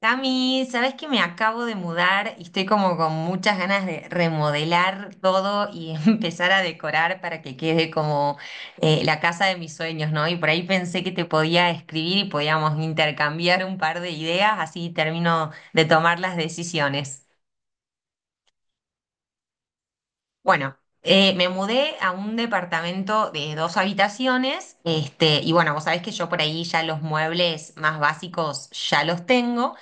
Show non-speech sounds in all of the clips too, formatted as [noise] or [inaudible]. Cami, sabes que me acabo de mudar y estoy como con muchas ganas de remodelar todo y [laughs] empezar a decorar para que quede como la casa de mis sueños, ¿no? Y por ahí pensé que te podía escribir y podíamos intercambiar un par de ideas, así termino de tomar las decisiones. Bueno, me mudé a un departamento de dos habitaciones, este, y bueno, vos sabés que yo por ahí ya los muebles más básicos ya los tengo,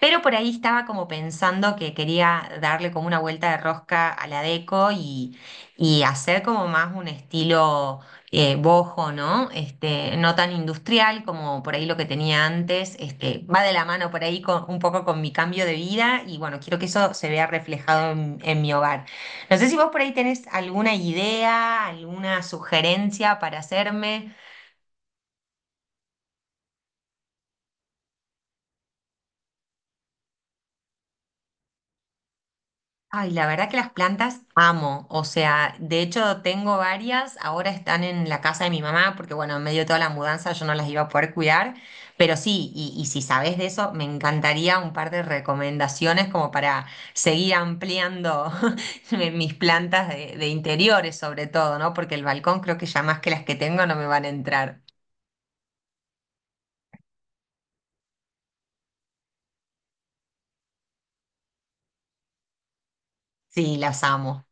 pero por ahí estaba como pensando que quería darle como una vuelta de rosca a la deco y hacer como más un estilo boho, ¿no? Este, no tan industrial como por ahí lo que tenía antes, este, va de la mano por ahí un poco con mi cambio de vida y bueno, quiero que eso se vea reflejado en mi hogar. No sé si vos por ahí tenés alguna idea, alguna sugerencia para hacerme. Ay, la verdad que las plantas amo. O sea, de hecho tengo varias. Ahora están en la casa de mi mamá porque, bueno, en medio de toda la mudanza yo no las iba a poder cuidar. Pero sí, y si sabés de eso, me encantaría un par de recomendaciones como para seguir ampliando [laughs] mis plantas de interiores sobre todo, ¿no? Porque el balcón creo que ya más que las que tengo no me van a entrar. Sí, las amo.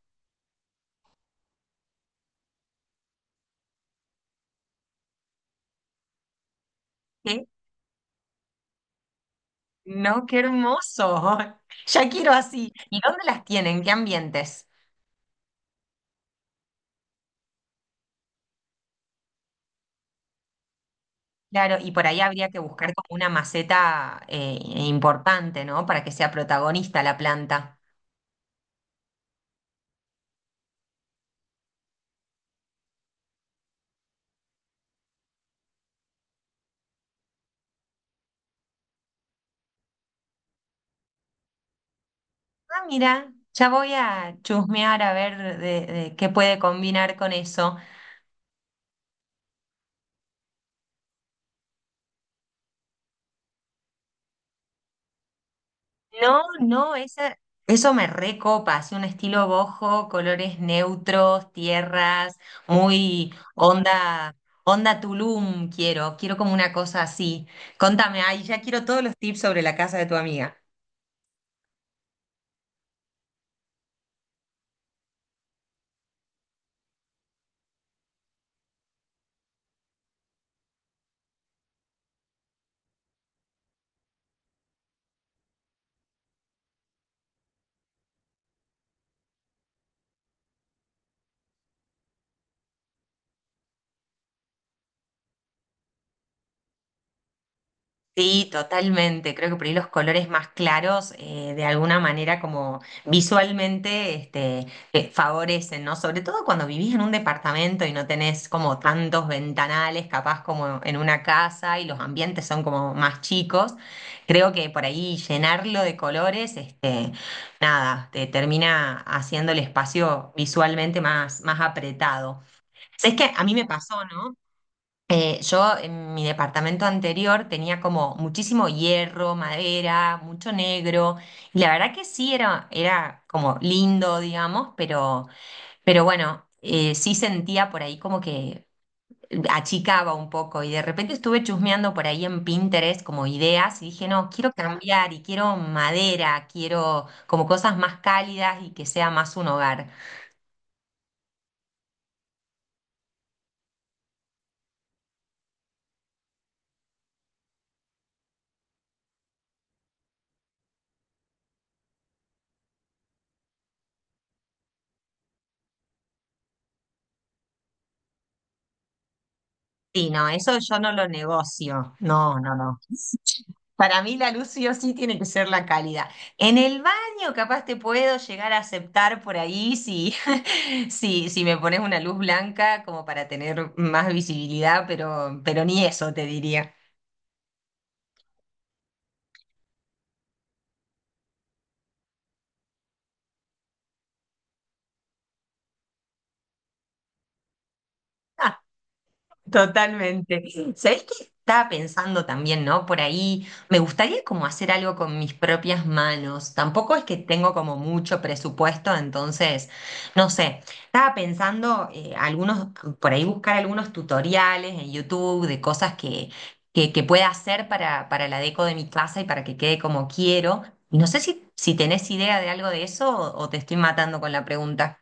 No, qué hermoso. [laughs] Ya quiero así. ¿Y dónde las tienen? ¿Qué ambientes? Claro, y por ahí habría que buscar como una maceta importante, ¿no? Para que sea protagonista la planta. Ah, mira, ya voy a chusmear a ver de qué puede combinar con eso. No, no, esa, eso me recopa, así un estilo bojo, colores neutros, tierras, muy onda, onda Tulum quiero, quiero como una cosa así. Contame, ay, ya quiero todos los tips sobre la casa de tu amiga. Sí, totalmente. Creo que por ahí los colores más claros, de alguna manera, como visualmente, este, favorecen, ¿no? Sobre todo cuando vivís en un departamento y no tenés como tantos ventanales, capaz como en una casa y los ambientes son como más chicos. Creo que por ahí llenarlo de colores, este, nada, te termina haciendo el espacio visualmente más apretado. Es que a mí me pasó, ¿no? Yo en mi departamento anterior tenía como muchísimo hierro, madera, mucho negro, y la verdad que sí era como lindo, digamos, pero bueno, sí sentía por ahí como que achicaba un poco y de repente estuve chusmeando por ahí en Pinterest como ideas y dije, no, quiero cambiar y quiero madera, quiero como cosas más cálidas y que sea más un hogar. Sí, no, eso yo no lo negocio. No, no, no. Para mí la luz sí o sí tiene que ser la cálida. En el baño capaz te puedo llegar a aceptar por ahí si, [laughs] si, si me pones una luz blanca como para tener más visibilidad, pero ni eso te diría. [laughs] Totalmente. ¿Sabés qué estaba pensando también, no? Por ahí me gustaría como hacer algo con mis propias manos. Tampoco es que tengo como mucho presupuesto, entonces, no sé. Estaba pensando por ahí buscar algunos tutoriales en YouTube de cosas que pueda hacer para la deco de mi casa y para que quede como quiero. Y no sé si tenés idea de algo de eso o te estoy matando con la pregunta.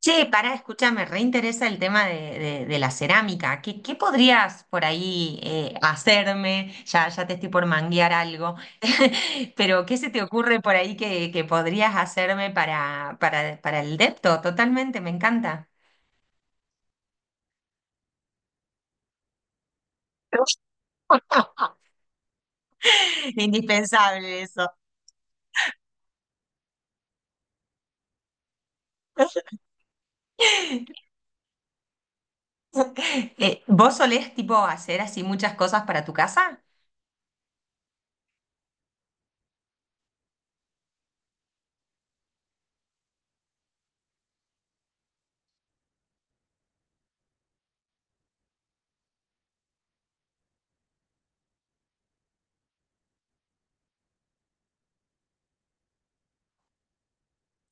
Che, pará, escúchame, reinteresa el tema de la cerámica. ¿ Qué podrías por ahí hacerme? Ya te estoy por manguear algo, [laughs] pero ¿qué se te ocurre por ahí que podrías hacerme para el depto? Totalmente, me encanta. [laughs] Indispensable eso. [laughs] ¿Vos solés tipo hacer así muchas cosas para tu casa?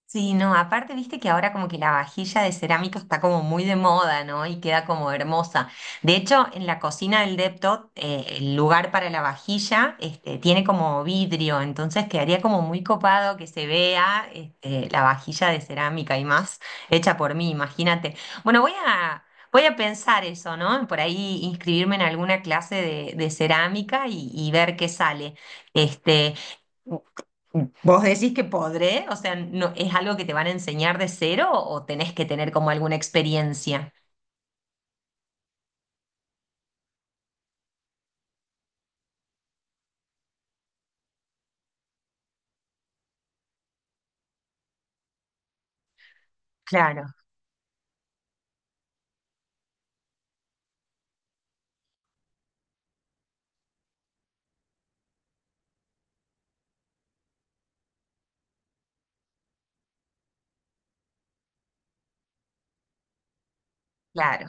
Sí, no, aparte viste que ahora como que la vajilla de cerámica está como muy de moda, ¿no? Y queda como hermosa. De hecho, en la cocina del Deptot, el lugar para la vajilla, este, tiene como vidrio, entonces quedaría como muy copado que se vea, este, la vajilla de cerámica y más hecha por mí, imagínate. Bueno, voy a, Voy a pensar eso, ¿no? Por ahí inscribirme en alguna clase de cerámica y ver qué sale. Este. ¿Vos decís que podré? O sea, no, ¿es algo que te van a enseñar de cero o tenés que tener como alguna experiencia? Claro, claro.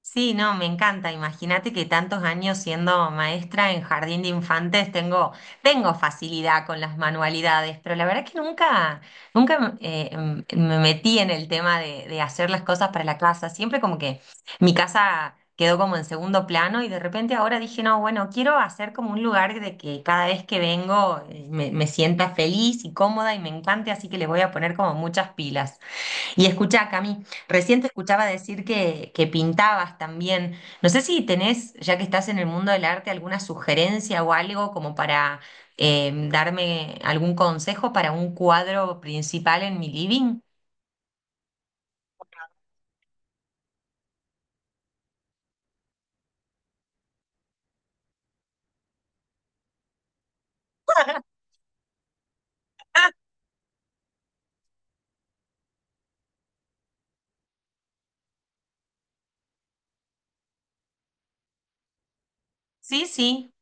Sí, no, me encanta. Imagínate que tantos años siendo maestra en jardín de infantes tengo facilidad con las manualidades, pero la verdad que nunca me metí en el tema de hacer las cosas para la casa. Siempre como que mi casa quedó como en segundo plano y de repente ahora dije, no, bueno, quiero hacer como un lugar de que cada vez que vengo me sienta feliz y cómoda y me encante, así que le voy a poner como muchas pilas. Y escuchá, Cami, recién te escuchaba decir que pintabas también. No sé si tenés, ya que estás en el mundo del arte, alguna sugerencia o algo como para darme algún consejo para un cuadro principal en mi living. Ah, sí, sí.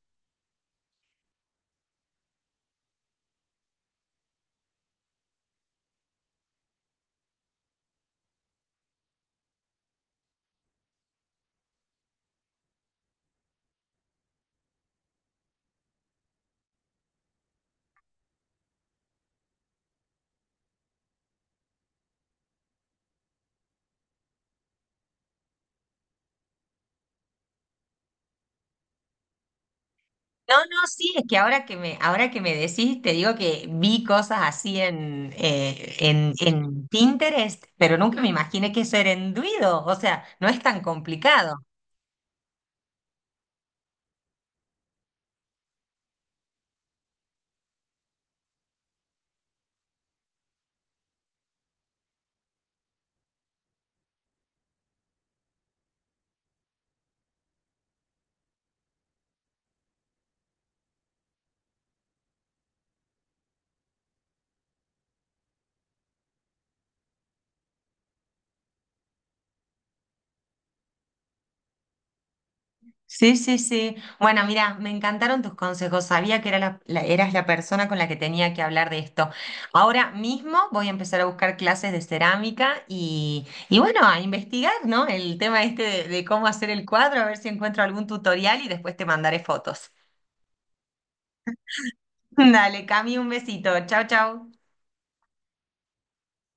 No, no, sí, es que ahora que me decís, te digo que vi cosas así en Pinterest, pero nunca me imaginé que eso era enduido. O sea, no es tan complicado. Sí, sí, sí. Bueno, mira, me encantaron tus consejos. Sabía que era eras la persona con la que tenía que hablar de esto. Ahora mismo voy a empezar a buscar clases de cerámica y bueno, a investigar, ¿no? El tema este de cómo hacer el cuadro, a ver si encuentro algún tutorial y después te mandaré fotos. [laughs] Dale, Cami, un besito. Chau, chau.